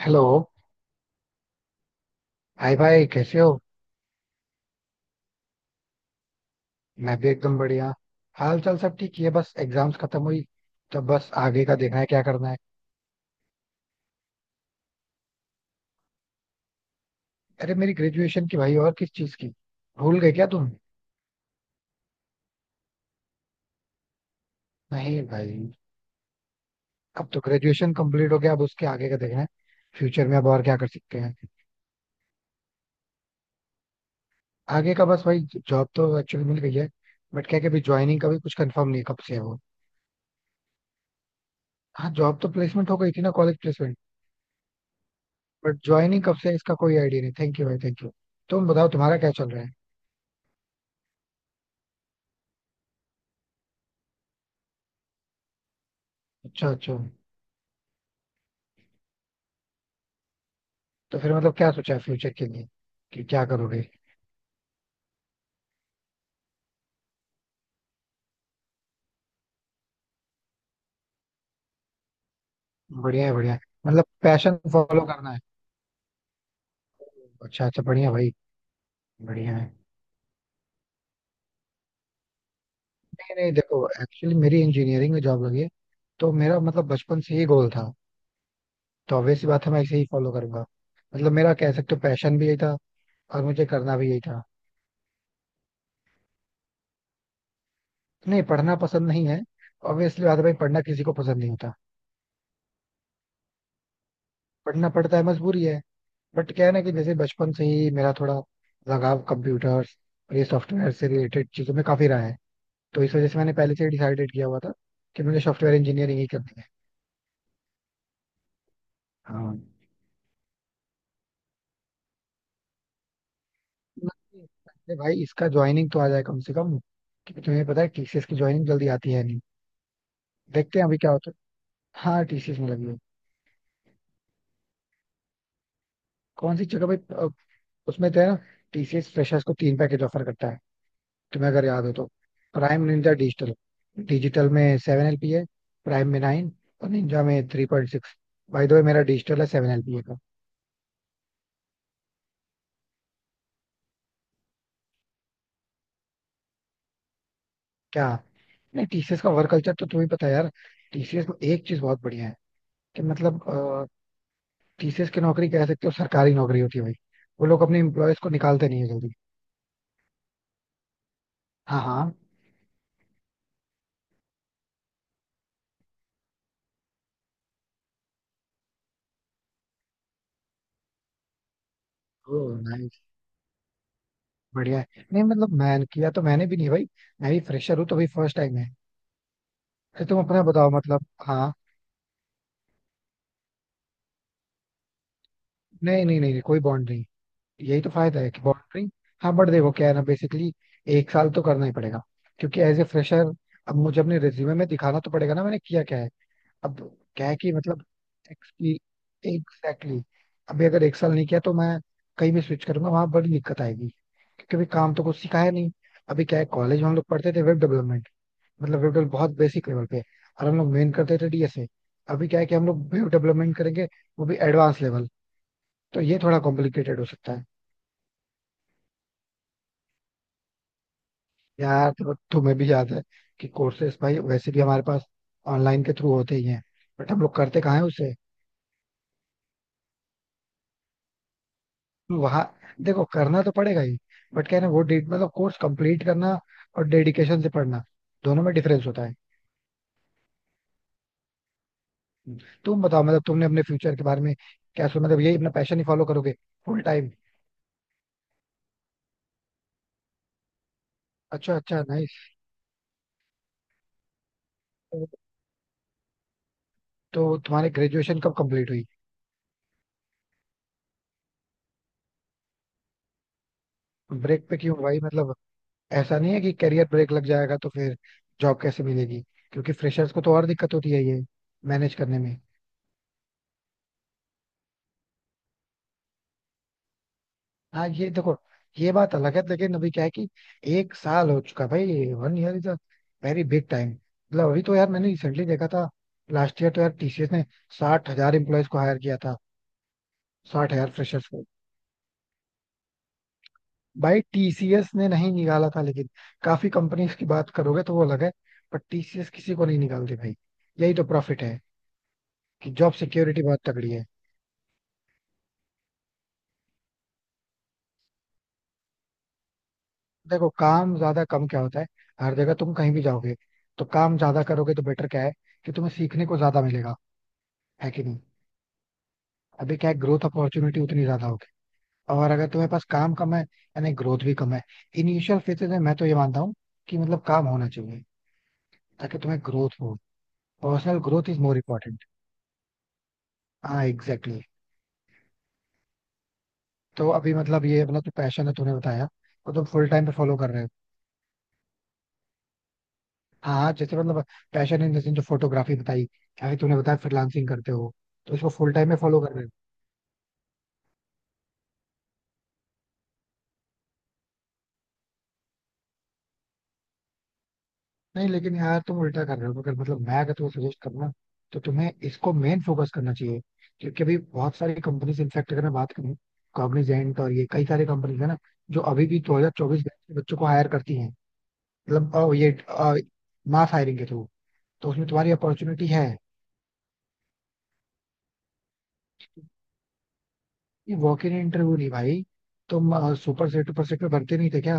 Hello. Hi भाई कैसे हो। मैं भी एकदम बढ़िया। हाल चाल सब ठीक ही है, बस एग्जाम्स खत्म हुई तो बस आगे का देखना है क्या करना है। अरे मेरी ग्रेजुएशन की भाई और किस चीज की। भूल गए क्या तुम। नहीं भाई। अब तो ग्रेजुएशन कंप्लीट हो गया, अब उसके आगे का देखना है। फ्यूचर में अब और क्या कर सकते हैं। आगे का बस भाई, जॉब तो एक्चुअली मिल गई है। बट क्या है कि अभी ज्वाइनिंग का भी कुछ कंफर्म नहीं है, कब से है वो। हाँ जॉब तो प्लेसमेंट हो गई थी ना, कॉलेज प्लेसमेंट। बट ज्वाइनिंग कब से है इसका कोई आइडिया नहीं। थैंक यू भाई, थैंक यू। तुम बताओ तुम्हारा क्या चल रहा है। अच्छा अच्छा। तो फिर मतलब क्या सोचा है फ्यूचर के लिए, कि क्या करोगे। बढ़िया है, बढ़िया है। मतलब पैशन फॉलो करना है। अच्छा अच्छा, बढ़िया भाई, बढ़िया है। नहीं नहीं देखो एक्चुअली मेरी इंजीनियरिंग में जॉब लगी है। तो मेरा मतलब बचपन से ही गोल था। तो ऑब्वियस सी बात है मैं इसे ही फॉलो करूंगा। मतलब मेरा कह सकते हो पैशन भी यही था, और मुझे करना भी यही था। नहीं पढ़ना पसंद नहीं है। ऑब्वियसली बात है भाई, पढ़ना किसी को पसंद नहीं होता। पढ़ना पड़ता है, मजबूरी है। बट क्या है ना कि जैसे बचपन से ही मेरा थोड़ा लगाव कंप्यूटर्स और ये सॉफ्टवेयर से रिलेटेड चीजों में काफी रहा है। तो इस वजह से मैंने पहले से ही डिसाइडेड किया हुआ था कि मुझे सॉफ्टवेयर इंजीनियरिंग ही करनी है। हाँ। नहीं, अरे भाई इसका ज्वाइनिंग तो आ जाए कम से कम। क्योंकि तुम्हें पता है टीसीएस की ज्वाइनिंग जल्दी आती है नहीं। देखते हैं अभी क्या होता है। हाँ टीसीएस में लगी है। कौन सी जगह भाई, उसमें तो है ना, टीसीएस फ्रेशर्स को तीन पैकेज ऑफर करता है। तुम्हें अगर याद हो तो प्राइम, निंजा, डिजिटल। डिजिटल में 7 एलपी है, प्राइम में 9, और निंजा में 3.6। भाई दो मेरा डिजिटल है, 7 एलपी का। क्या। नहीं टीसीएस का वर्क कल्चर तो तुम्हें पता है यार। टीसीएस में एक चीज बहुत बढ़िया है, कि मतलब टीसीएस की नौकरी कह सकते हो सरकारी नौकरी होती है भाई। वो लोग अपने एम्प्लॉयज को निकालते नहीं है जल्दी। हाँ हाँ। ओ, नाइस। बढ़िया है। नहीं मतलब मैं किया तो मैंने भी नहीं भाई, मैं भी फ्रेशर हूँ तो भाई फर्स्ट टाइम है। अरे तुम अपना बताओ मतलब। हाँ। नहीं नहीं नहीं, नहीं कोई बॉन्ड नहीं। यही तो फायदा है कि बॉन्ड नहीं। हाँ बट देखो क्या है ना, बेसिकली एक साल तो करना ही पड़ेगा, क्योंकि एज ए फ्रेशर अब मुझे अपने रिज्यूमे में दिखाना तो पड़ेगा ना, मैंने किया क्या है। अब क्या है कि मतलब एक्स की एग्जैक्टली, अभी अगर एक साल नहीं किया तो मैं कहीं भी स्विच करूंगा वहां बड़ी दिक्कत आएगी। क्योंकि अभी काम तो कुछ सिखाया नहीं। अभी क्या है, कॉलेज में हम लोग पढ़ते थे वेब डेवलपमेंट, मतलब वेब डेवलप बहुत बेसिक लेवल पे, और हम लोग मेन करते थे डीएसए। अभी क्या है कि हम लोग वेब डेवलपमेंट करेंगे वो भी एडवांस लेवल, तो ये थोड़ा कॉम्प्लिकेटेड हो सकता है। यार तो तुम्हें भी याद है कि कोर्सेज भाई वैसे भी हमारे पास ऑनलाइन के थ्रू होते ही हैं, बट हम लोग करते कहाँ है उसे। वहां देखो करना तो पड़ेगा ही। बट क्या है ना, वो डेट मतलब कोर्स कंप्लीट करना और डेडिकेशन से पढ़ना दोनों में डिफरेंस होता है। तुम बताओ मतलब तुमने अपने फ्यूचर के बारे में क्या सोचा, मतलब यही अपना पैशन ही फॉलो करोगे फुल टाइम। अच्छा अच्छा, नाइस। तो तुम्हारी ग्रेजुएशन कब कंप्लीट हुई। ब्रेक पे क्यों भाई, मतलब ऐसा नहीं है कि करियर ब्रेक लग जाएगा तो फिर जॉब कैसे मिलेगी, क्योंकि फ्रेशर्स को तो और दिक्कत होती है ये मैनेज करने में। हाँ ये देखो ये बात अलग है, लेकिन अभी क्या है कि एक साल हो चुका भाई, one year is a very big time. मतलब अभी तो यार मैंने रिसेंटली देखा था, लास्ट ईयर तो यार टीसीएस ने 60,000 एम्प्लॉयज को हायर किया था, 60,000 फ्रेशर्स को। भाई टीसीएस ने नहीं निकाला था, लेकिन काफी कंपनीज की बात करोगे तो वो अलग है। पर टीसीएस किसी को नहीं निकालती भाई, यही तो प्रॉफिट है कि जॉब सिक्योरिटी बहुत तगड़ी है। देखो काम ज्यादा कम क्या होता है, हर जगह तुम कहीं भी जाओगे तो काम ज्यादा करोगे तो बेटर क्या है कि तुम्हें सीखने को ज्यादा मिलेगा, है कि नहीं। अभी क्या है, ग्रोथ अपॉर्चुनिटी उतनी ज्यादा होगी, और अगर तुम्हारे पास काम कम है यानी ग्रोथ भी कम है। इनिशियल फेजेस में मैं तो ये मानता हूँ कि मतलब काम होना चाहिए ताकि तुम्हें ग्रोथ हो। Personal growth is more important. हाँ एग्जैक्टली exactly. तो अभी मतलब ये अपना जो पैशन है तूने बताया, वो तुम फुल टाइम पे फॉलो कर रहे हो। हाँ हाँ, जैसे मतलब पैशन इन द सेंस जो फोटोग्राफी बताई या फिर तूने बताया फ्रीलांसिंग करते हो, तो इसको फुल टाइम में फॉलो कर रहे हो। नहीं लेकिन यार तुम उल्टा कर रहे हो, अगर मतलब मैं अगर तुम्हें सजेस्ट करना तो तुम्हें इसको मेन फोकस करना चाहिए। क्योंकि अभी बहुत सारी कंपनीज इनफैक्ट अगर मैं बात करूँ कॉग्निजेंट और ये कई सारी कंपनीज है ना जो अभी भी 2024 बैच के बच्चों को हायर करती हैं। मतलब ये मास हायरिंग के थ्रू, तो उसमें तुम्हारी अपॉर्चुनिटी है। ये वॉक इन इंटरव्यू नहीं भाई, तुम सुपर सेट में भरते नहीं थे क्या।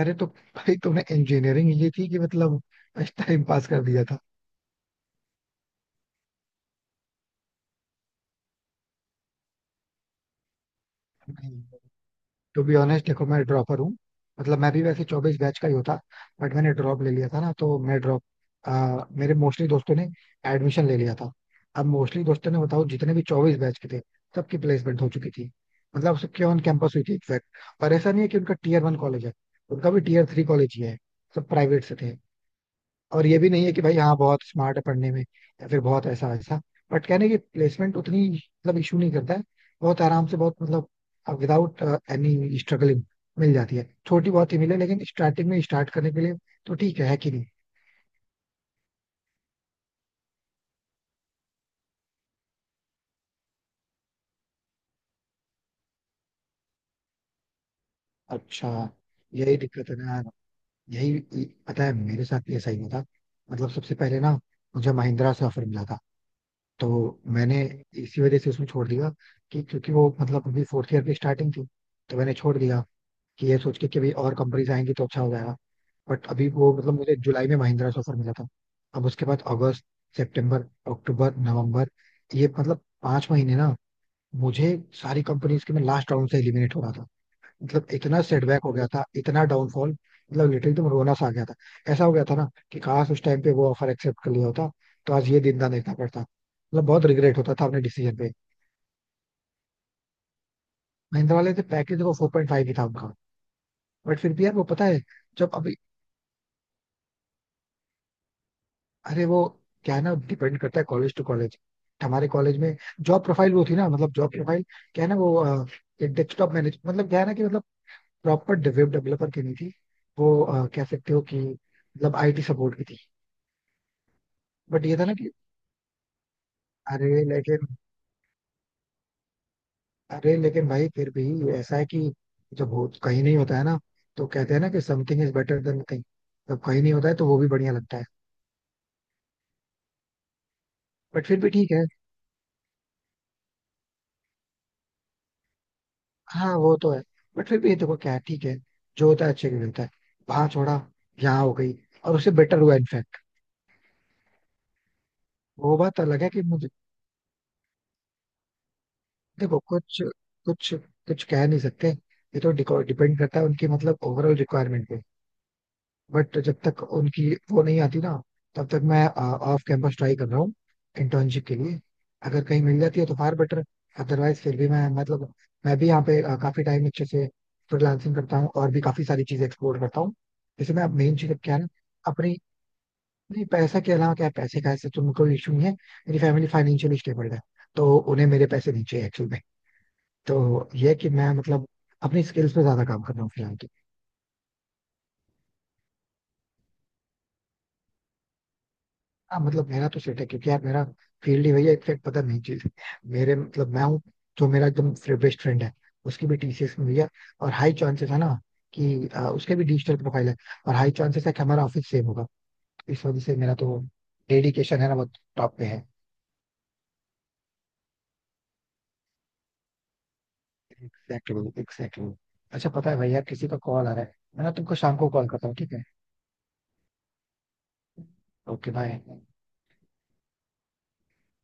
अरे तो भाई तुमने इंजीनियरिंग ये थी कि मतलब टाइम पास कर दिया था। नहीं टू बी ऑनेस्ट देखो मैं ड्रॉपर हूँ, मतलब मैं भी वैसे 24 बैच का ही होता बट मैंने ड्रॉप ले लिया था ना तो मैं ड्रॉप, मेरे मोस्टली दोस्तों ने एडमिशन ले लिया था। अब मोस्टली दोस्तों ने बताओ जितने भी 24 बैच के थे सबकी प्लेसमेंट हो चुकी थी, मतलब सबके ऑन कैंपस हुई थी इनफैक्ट। और ऐसा नहीं है कि उनका टीयर वन कॉलेज है, उनका भी टीयर थ्री कॉलेज ही है, सब प्राइवेट से थे। और ये भी नहीं है कि भाई हाँ बहुत स्मार्ट है पढ़ने में, या फिर बहुत ऐसा ऐसा। बट कहने की प्लेसमेंट उतनी मतलब इशू नहीं करता है। बहुत आराम से बहुत मतलब विदाउट एनी स्ट्रगलिंग मिल जाती है, छोटी बहुत ही मिले लेकिन स्टार्टिंग में स्टार्ट करने के लिए तो ठीक है कि नहीं। अच्छा। यही दिक्कत है ना, यही। पता है मेरे साथ भी ऐसा ही हुआ था, मतलब सबसे पहले ना मुझे महिंद्रा से ऑफर मिला था। तो मैंने इसी वजह से उसमें छोड़ दिया, कि क्योंकि वो मतलब अभी फोर्थ ईयर की स्टार्टिंग थी तो मैंने छोड़ दिया कि ये सोच के कि भाई और कंपनीज आएंगी तो अच्छा हो जाएगा। बट अभी वो मतलब मुझे जुलाई में महिंद्रा से ऑफर मिला था। अब उसके बाद अगस्त, सितंबर, अक्टूबर, नवंबर, ये मतलब 5 महीने ना मुझे सारी कंपनीज के मैं लास्ट राउंड से एलिमिनेट हो रहा था। मतलब इतना सेटबैक हो गया था, इतना डाउनफॉल, मतलब लिटरली एकदम रोना सा आ गया था। ऐसा हो गया था ना कि काश उस टाइम पे वो ऑफर एक्सेप्ट कर लिया होता तो आज ये दिन ना देखना पड़ता, मतलब बहुत रिग्रेट होता था अपने डिसीजन पे। महिंद्रा वाले थे पैकेज, देखो 4.5 ही था उनका, बट फिर भी यार वो पता है। जब अभी, अरे वो क्या है ना, डिपेंड करता है कॉलेज टू कॉलेज। हमारे कॉलेज में जॉब प्रोफाइल वो थी ना, मतलब जॉब प्रोफाइल क्या है ना वो एक डेस्कटॉप मैनेज, मतलब क्या है ना कि मतलब प्रॉपर वेब डेवलपर की नहीं थी वो, कह सकते हो कि मतलब आईटी सपोर्ट की थी। बट ये था ना कि, अरे लेकिन अरे लेकिन भाई फिर भी ऐसा है कि जब हो कहीं नहीं होता है ना, तो कहते हैं ना कि something is better than nothing, जब कहीं नहीं होता है तो वो भी बढ़िया लगता है। बट फिर भी ठीक है। हाँ वो तो है। बट फिर भी ये देखो क्या है, ठीक है, जो होता है अच्छे के लिए होता है। वहां छोड़ा, यहाँ हो गई, और उससे बेटर हुआ इनफैक्ट। वो बात अलग है कि मुझे, देखो कुछ कुछ कुछ कह नहीं सकते, ये तो डिपेंड करता है उनकी मतलब ओवरऑल रिक्वायरमेंट पे। बट जब तक उनकी वो नहीं आती ना, तब तक मैं ऑफ कैंपस ट्राई कर रहा हूँ इंटर्नशिप के लिए। अगर कहीं मिल जाती है तो फार बेटर, अदरवाइज फिर भी मैं मतलब मैं भी यहाँ पे काफी टाइम अच्छे से फ्रीलांसिंग करता हूँ और भी काफी सारी चीजें एक्सप्लोर करता हूँ। जैसे मैं मेन चीज अब क्या है ना अपनी, नहीं पैसा के अलावा क्या है, पैसे का ऐसे तो कोई इशू नहीं है, मेरी फैमिली फाइनेंशियली स्टेबल है तो उन्हें मेरे पैसे नहीं चाहिए एक्चुअल में। तो ये है कि मैं मतलब अपनी स्किल्स पे ज्यादा काम कर रहा हूँ फिलहाल। हाँ मतलब मेरा तो सेट है, क्योंकि यार मेरा फील्ड ही, भैया इनफेक्ट पता नहीं चीज मेरे मतलब मैं हूँ। जो मेरा एकदम बेस्ट फ्रेंड है उसकी भी टीसीएस में भैया, और हाई चांसेस है ना कि उसके भी डिजिटल प्रोफाइल है, और हाई चांसेस है कि हमारा ऑफिस सेम होगा। इस वजह से मेरा तो डेडिकेशन है ना वो टॉप पे है। Exactly exactly. अच्छा पता है भैया किसी का कॉल आ रहा है, मैं ना तुमको शाम को कॉल करता हूँ, ठीक है। Okay bye.